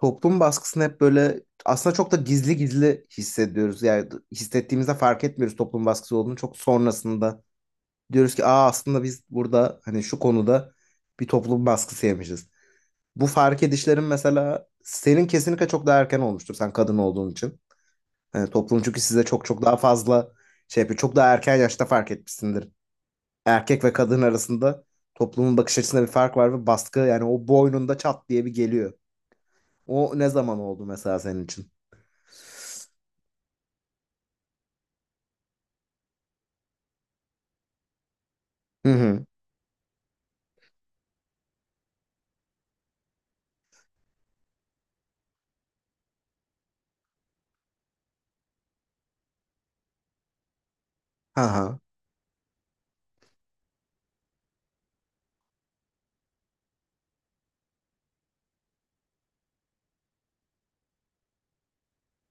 Toplum baskısını hep böyle aslında çok da gizli gizli hissediyoruz. Yani hissettiğimizde fark etmiyoruz toplum baskısı olduğunu. Çok sonrasında diyoruz ki aslında biz burada hani şu konuda bir toplum baskısı yemişiz. Bu fark edişlerin mesela senin kesinlikle çok daha erken olmuştur sen kadın olduğun için. Yani toplum çünkü size çok çok daha fazla şey yapıyor. Çok daha erken yaşta fark etmişsindir. Erkek ve kadın arasında toplumun bakış açısında bir fark var ve baskı yani o boynunda çat diye bir geliyor. O ne zaman oldu mesela senin için? Hı hı. Ha ha.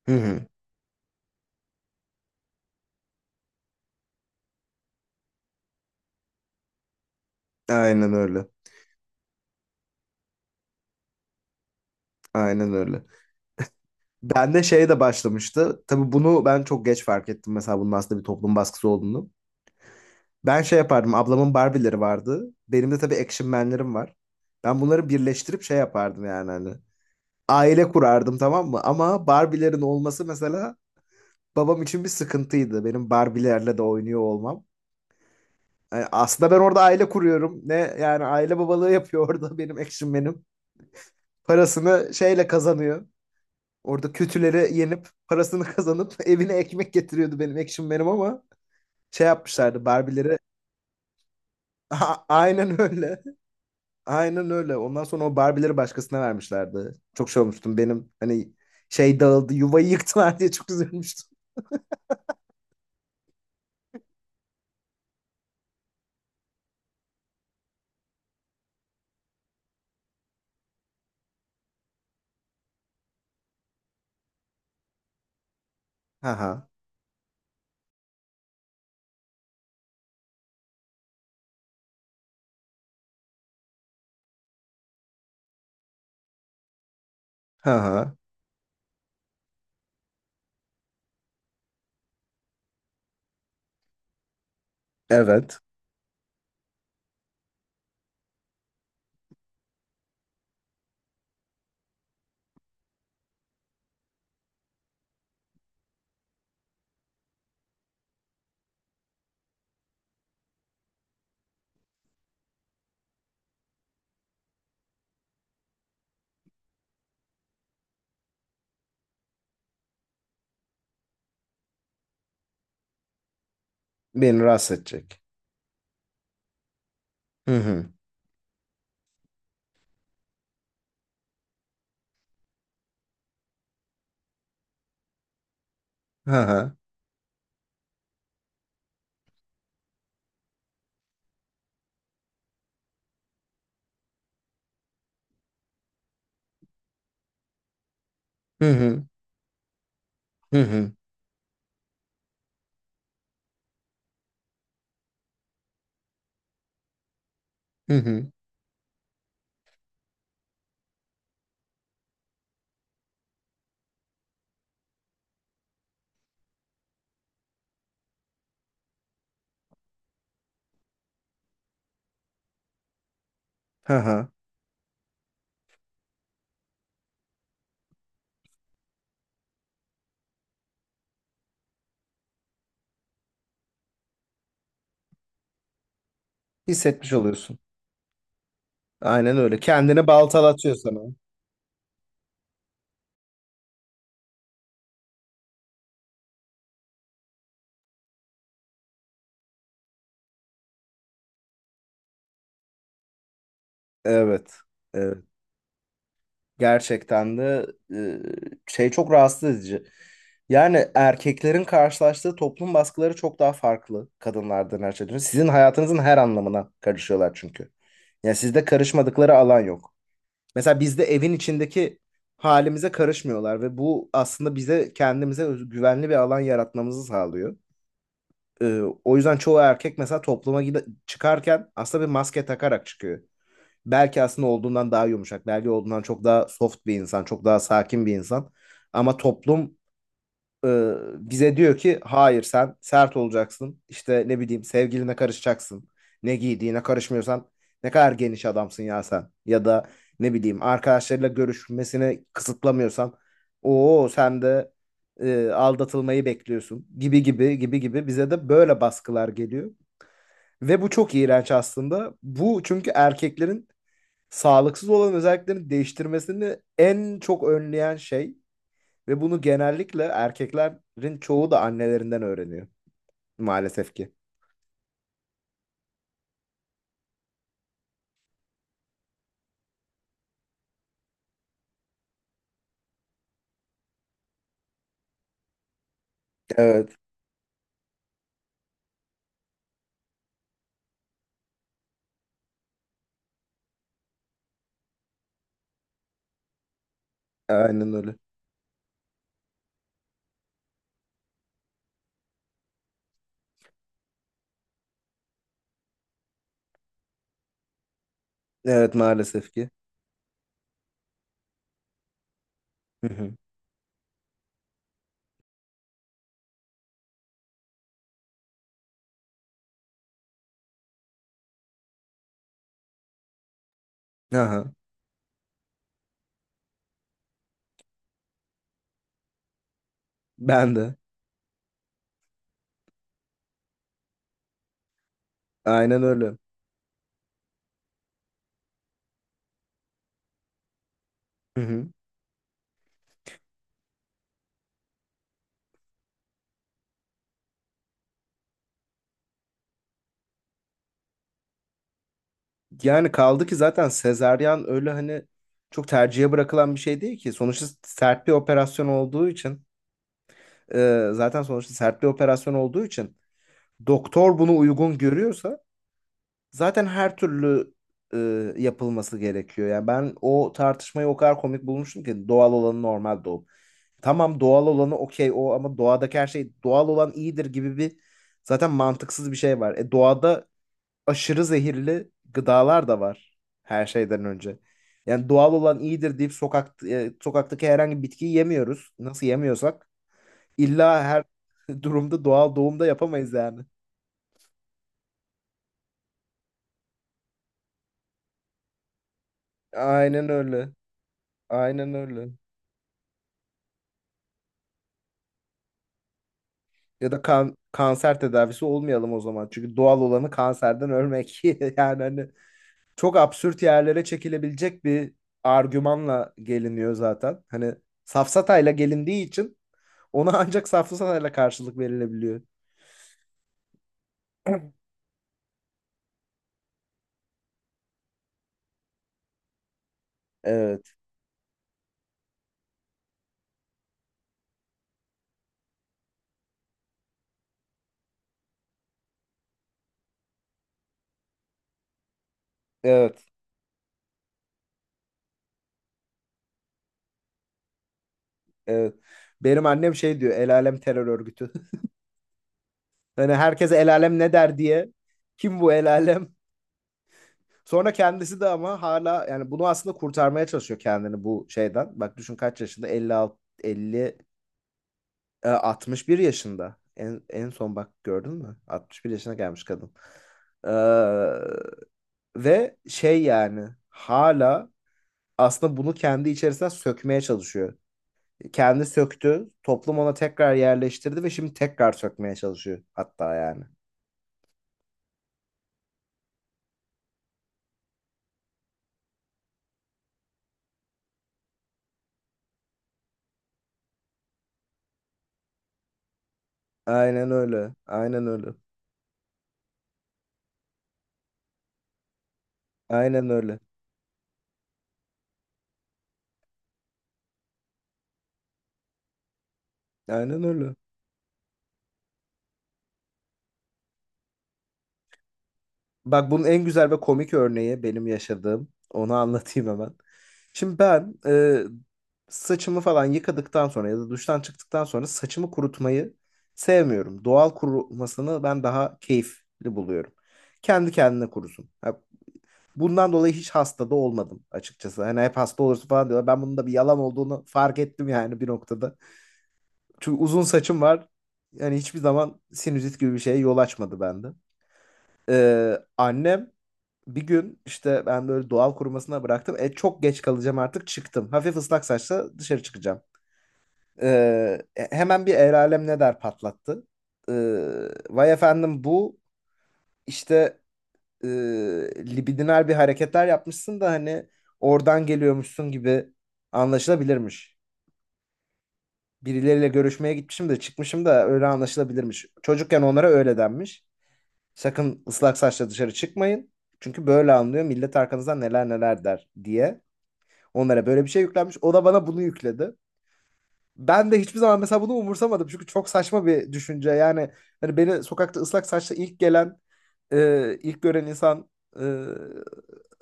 Hı hı. Aynen öyle. Aynen öyle. Ben de şey de başlamıştı. Tabii bunu ben çok geç fark ettim, mesela bunun aslında bir toplum baskısı olduğunu. Ben şey yapardım. Ablamın Barbie'leri vardı. Benim de tabii Action Man'lerim var. Ben bunları birleştirip şey yapardım yani hani. Aile kurardım, tamam mı? Ama Barbie'lerin olması mesela babam için bir sıkıntıydı. Benim Barbie'lerle de oynuyor olmam. Yani aslında ben orada aile kuruyorum. Ne yani aile babalığı yapıyor orada benim Action Man'im. Parasını şeyle kazanıyor. Orada kötülere yenip parasını kazanıp evine ekmek getiriyordu benim Action Man'im, ama şey yapmışlardı Barbie'leri. Aynen öyle. Aynen öyle. Ondan sonra o Barbie'leri başkasına vermişlerdi. Çok şey olmuştum benim, hani şey dağıldı, yuvayı yıktılar diye çok üzülmüştüm. Ha ha. Ha ha. Evet. Beni rahatsız edecek. Hı hı. Ha ha. Hı hı. Hı hı. Hı hı. Ha ha. Hissetmiş oluyorsun. Aynen öyle. Kendini baltalatıyor sana. Evet. Evet. Gerçekten de e, şey çok rahatsız edici. Yani erkeklerin karşılaştığı toplum baskıları çok daha farklı kadınlardan, her şeyden. Sizin hayatınızın her anlamına karışıyorlar çünkü. Yani sizde karışmadıkları alan yok. Mesela bizde evin içindeki halimize karışmıyorlar ve bu aslında bize kendimize güvenli bir alan yaratmamızı sağlıyor. O yüzden çoğu erkek mesela çıkarken aslında bir maske takarak çıkıyor. Belki aslında olduğundan daha yumuşak. Belki olduğundan çok daha soft bir insan. Çok daha sakin bir insan. Ama toplum e, bize diyor ki hayır, sen sert olacaksın. İşte ne bileyim, sevgiline karışacaksın. Ne giydiğine karışmıyorsan ne kadar geniş adamsın ya sen. Ya da ne bileyim arkadaşlarıyla görüşmesini kısıtlamıyorsan o sen de aldatılmayı bekliyorsun, gibi gibi gibi gibi bize de böyle baskılar geliyor. Ve bu çok iğrenç aslında. Bu çünkü erkeklerin sağlıksız olan özelliklerini değiştirmesini en çok önleyen şey, ve bunu genellikle erkeklerin çoğu da annelerinden öğreniyor maalesef ki. Evet, aynen öyle. Evet, maalesef ki. Hı hı. Aha, ben de. Aynen öyle. Hı hı. Yani kaldı ki zaten sezaryen öyle hani çok tercihe bırakılan bir şey değil ki. Sonuçta sert bir operasyon olduğu için zaten sonuçta sert bir operasyon olduğu için doktor bunu uygun görüyorsa zaten her türlü e, yapılması gerekiyor. Yani ben o tartışmayı o kadar komik bulmuştum ki, doğal olanı normal doğum. Tamam doğal olanı okey o, ama doğadaki her şey doğal olan iyidir gibi bir zaten mantıksız bir şey var. Doğada aşırı zehirli gıdalar da var her şeyden önce. Yani doğal olan iyidir deyip sokaktaki herhangi bir bitkiyi yemiyoruz. Nasıl yemiyorsak illa her durumda doğal doğumda yapamayız yani. Aynen öyle. Aynen öyle. Ya da kan kanser tedavisi olmayalım o zaman. Çünkü doğal olanı kanserden ölmek. Yani hani çok absürt yerlere çekilebilecek bir argümanla geliniyor zaten. Hani safsatayla gelindiği için ona ancak safsatayla karşılık verilebiliyor. Evet, evet, evet. Benim annem şey diyor, el alem terör örgütü. Hani herkese el alem ne der diye. Kim bu el alem? Sonra kendisi de ama hala yani bunu aslında kurtarmaya çalışıyor kendini bu şeyden. Bak düşün, kaç yaşında? 56, elli 61 yaşında. En son bak, gördün mü? 61 yaşına gelmiş kadın. Ee, Ve şey yani hala aslında bunu kendi içerisinden sökmeye çalışıyor. Kendi söktü, toplum ona tekrar yerleştirdi ve şimdi tekrar sökmeye çalışıyor hatta yani. Aynen öyle. Aynen öyle. Aynen öyle. Aynen öyle. Bak bunun en güzel ve komik örneği benim yaşadığım. Onu anlatayım hemen. Şimdi ben saçımı falan yıkadıktan sonra ya da duştan çıktıktan sonra saçımı kurutmayı sevmiyorum. Doğal kurumasını ben daha keyifli buluyorum. Kendi kendine kurusun. Ha, bundan dolayı hiç hasta da olmadım açıkçası. Hani hep hasta olursun falan diyorlar. Ben bunun da bir yalan olduğunu fark ettim yani bir noktada. Çünkü uzun saçım var. Yani hiçbir zaman sinüzit gibi bir şeye yol açmadı bende. Annem bir gün işte, ben böyle doğal kurumasına bıraktım. E çok geç kalacağım, artık çıktım. Hafif ıslak saçla dışarı çıkacağım. Hemen bir el alem ne der patlattı. Vay efendim, bu işte e, libidinal bir hareketler yapmışsın da hani oradan geliyormuşsun gibi anlaşılabilirmiş. Birileriyle görüşmeye gitmişim de çıkmışım da öyle anlaşılabilirmiş. Çocukken onlara öyle denmiş. Sakın ıslak saçla dışarı çıkmayın. Çünkü böyle anlıyor millet, arkanızdan neler neler der diye. Onlara böyle bir şey yüklenmiş. O da bana bunu yükledi. Ben de hiçbir zaman mesela bunu umursamadım. Çünkü çok saçma bir düşünce. Yani hani beni sokakta ıslak saçla ilk gören insan e,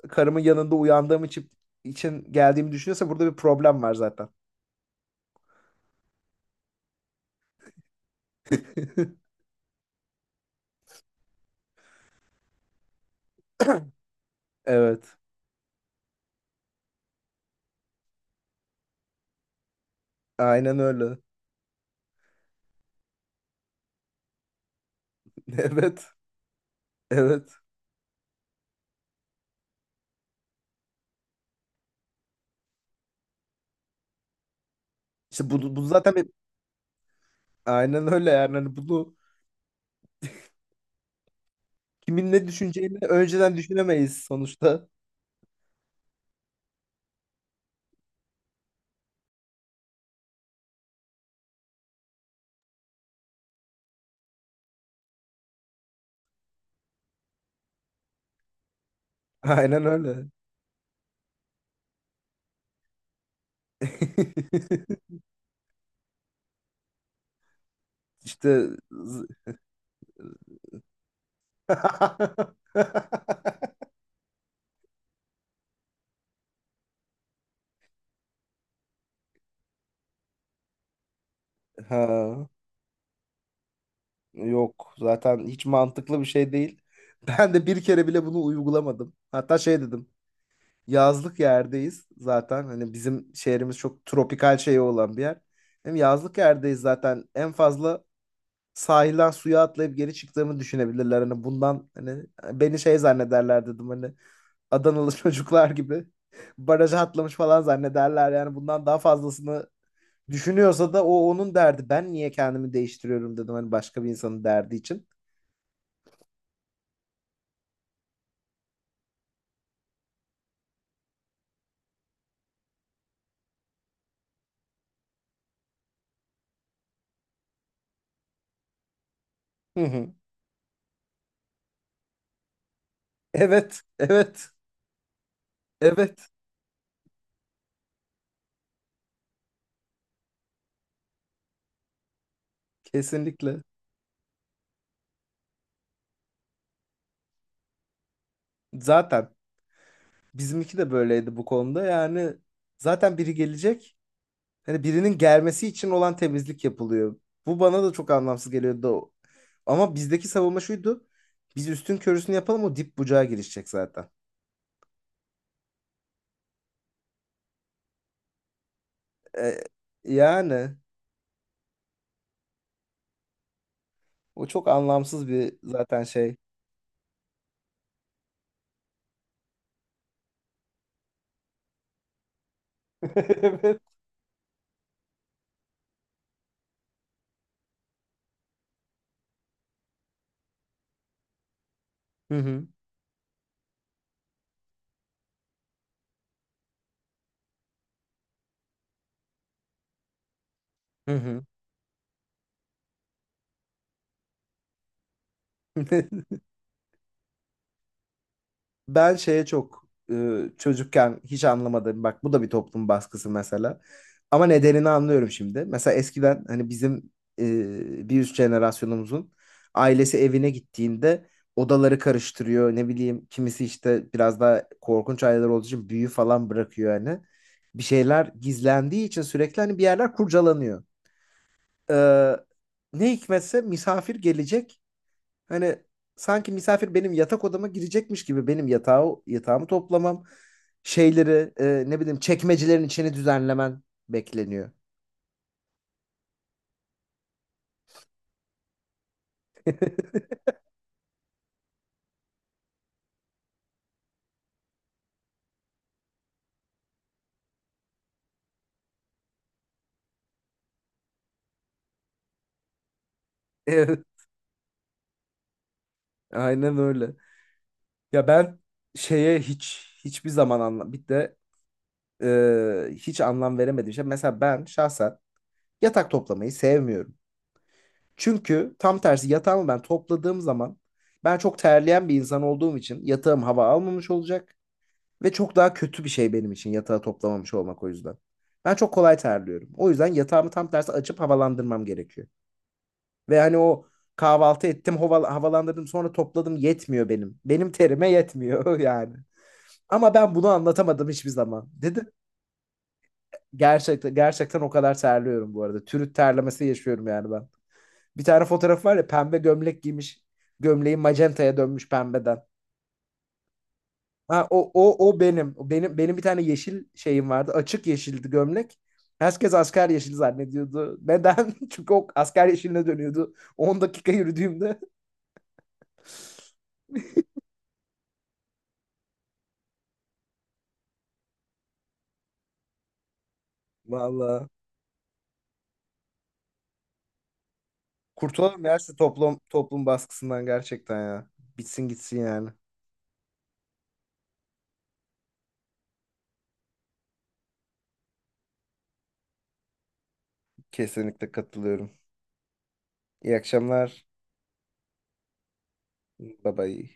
karımın yanında uyandığım için geldiğimi düşünüyorsa burada bir problem var zaten. Evet. Aynen öyle. Evet. Evet. İşte bu zaten bir- aynen öyle yani. Hani bunu kimin ne düşüneceğini önceden düşünemeyiz sonuçta. Aynen öyle. İşte Ha, yok zaten hiç mantıklı bir şey değil. Ben de bir kere bile bunu uygulamadım. Hatta şey dedim. Yazlık yerdeyiz zaten. Hani bizim şehrimiz çok tropikal şeyi olan bir yer. Hem yazlık yerdeyiz zaten. En fazla sahilden suya atlayıp geri çıktığımı düşünebilirler. Hani bundan hani beni şey zannederler dedim. Hani Adanalı çocuklar gibi baraja atlamış falan zannederler. Yani bundan daha fazlasını düşünüyorsa da o onun derdi. Ben niye kendimi değiştiriyorum, dedim, hani başka bir insanın derdi için. Hı hı. Evet, evet, evet. Kesinlikle. Zaten bizimki de böyleydi bu konuda. Yani zaten biri gelecek. Hani birinin gelmesi için olan temizlik yapılıyor. Bu bana da çok anlamsız geliyordu. Ama bizdeki savunma şuydu. Biz üstün körüsünü yapalım, o dip bucağa girişecek zaten. E, Yani o çok anlamsız bir zaten şey. Evet. Hı hı. Hı hı. Ben şeye çok çocukken hiç anlamadım. Bak bu da bir toplum baskısı mesela. Ama nedenini anlıyorum şimdi. Mesela eskiden hani bizim bir üst jenerasyonumuzun ailesi evine gittiğinde odaları karıştırıyor. Ne bileyim kimisi işte biraz daha korkunç aileler olduğu için büyü falan bırakıyor hani. Bir şeyler gizlendiği için sürekli hani bir yerler kurcalanıyor. Ee, Ne hikmetse misafir gelecek, hani sanki misafir benim yatak odama girecekmiş gibi benim yatağımı toplamam, şeyleri ne bileyim çekmecelerin içini düzenlemen bekleniyor. Evet, aynen öyle. Ya ben şeye hiç hiçbir zaman anlam, bir de hiç anlam veremedim. Şey mesela, ben şahsen yatak toplamayı sevmiyorum. Çünkü tam tersi yatağımı ben topladığım zaman, ben çok terleyen bir insan olduğum için yatağım hava almamış olacak. Ve çok daha kötü bir şey benim için yatağı toplamamış olmak o yüzden. Ben çok kolay terliyorum. O yüzden yatağımı tam tersi açıp havalandırmam gerekiyor. Ve hani o kahvaltı ettim, havalandırdım, sonra topladım yetmiyor benim. Benim terime yetmiyor yani. Ama ben bunu anlatamadım hiçbir zaman. Dedim. Gerçekten gerçekten o kadar terliyorum bu arada. Türüt terlemesi yaşıyorum yani ben. Bir tane fotoğraf var ya pembe gömlek giymiş. Gömleği macentaya dönmüş pembeden. Ha, o benim. O benim, benim bir tane yeşil şeyim vardı. Açık yeşildi gömlek. Herkes asker yeşili zannediyordu. Neden? Çünkü o asker yeşiline dönüyordu 10 dakika yürüdüğümde. Vallahi. Kurtulalım ya şu toplum baskısından gerçekten ya. Bitsin gitsin yani. Kesinlikle katılıyorum. İyi akşamlar. Bye bye.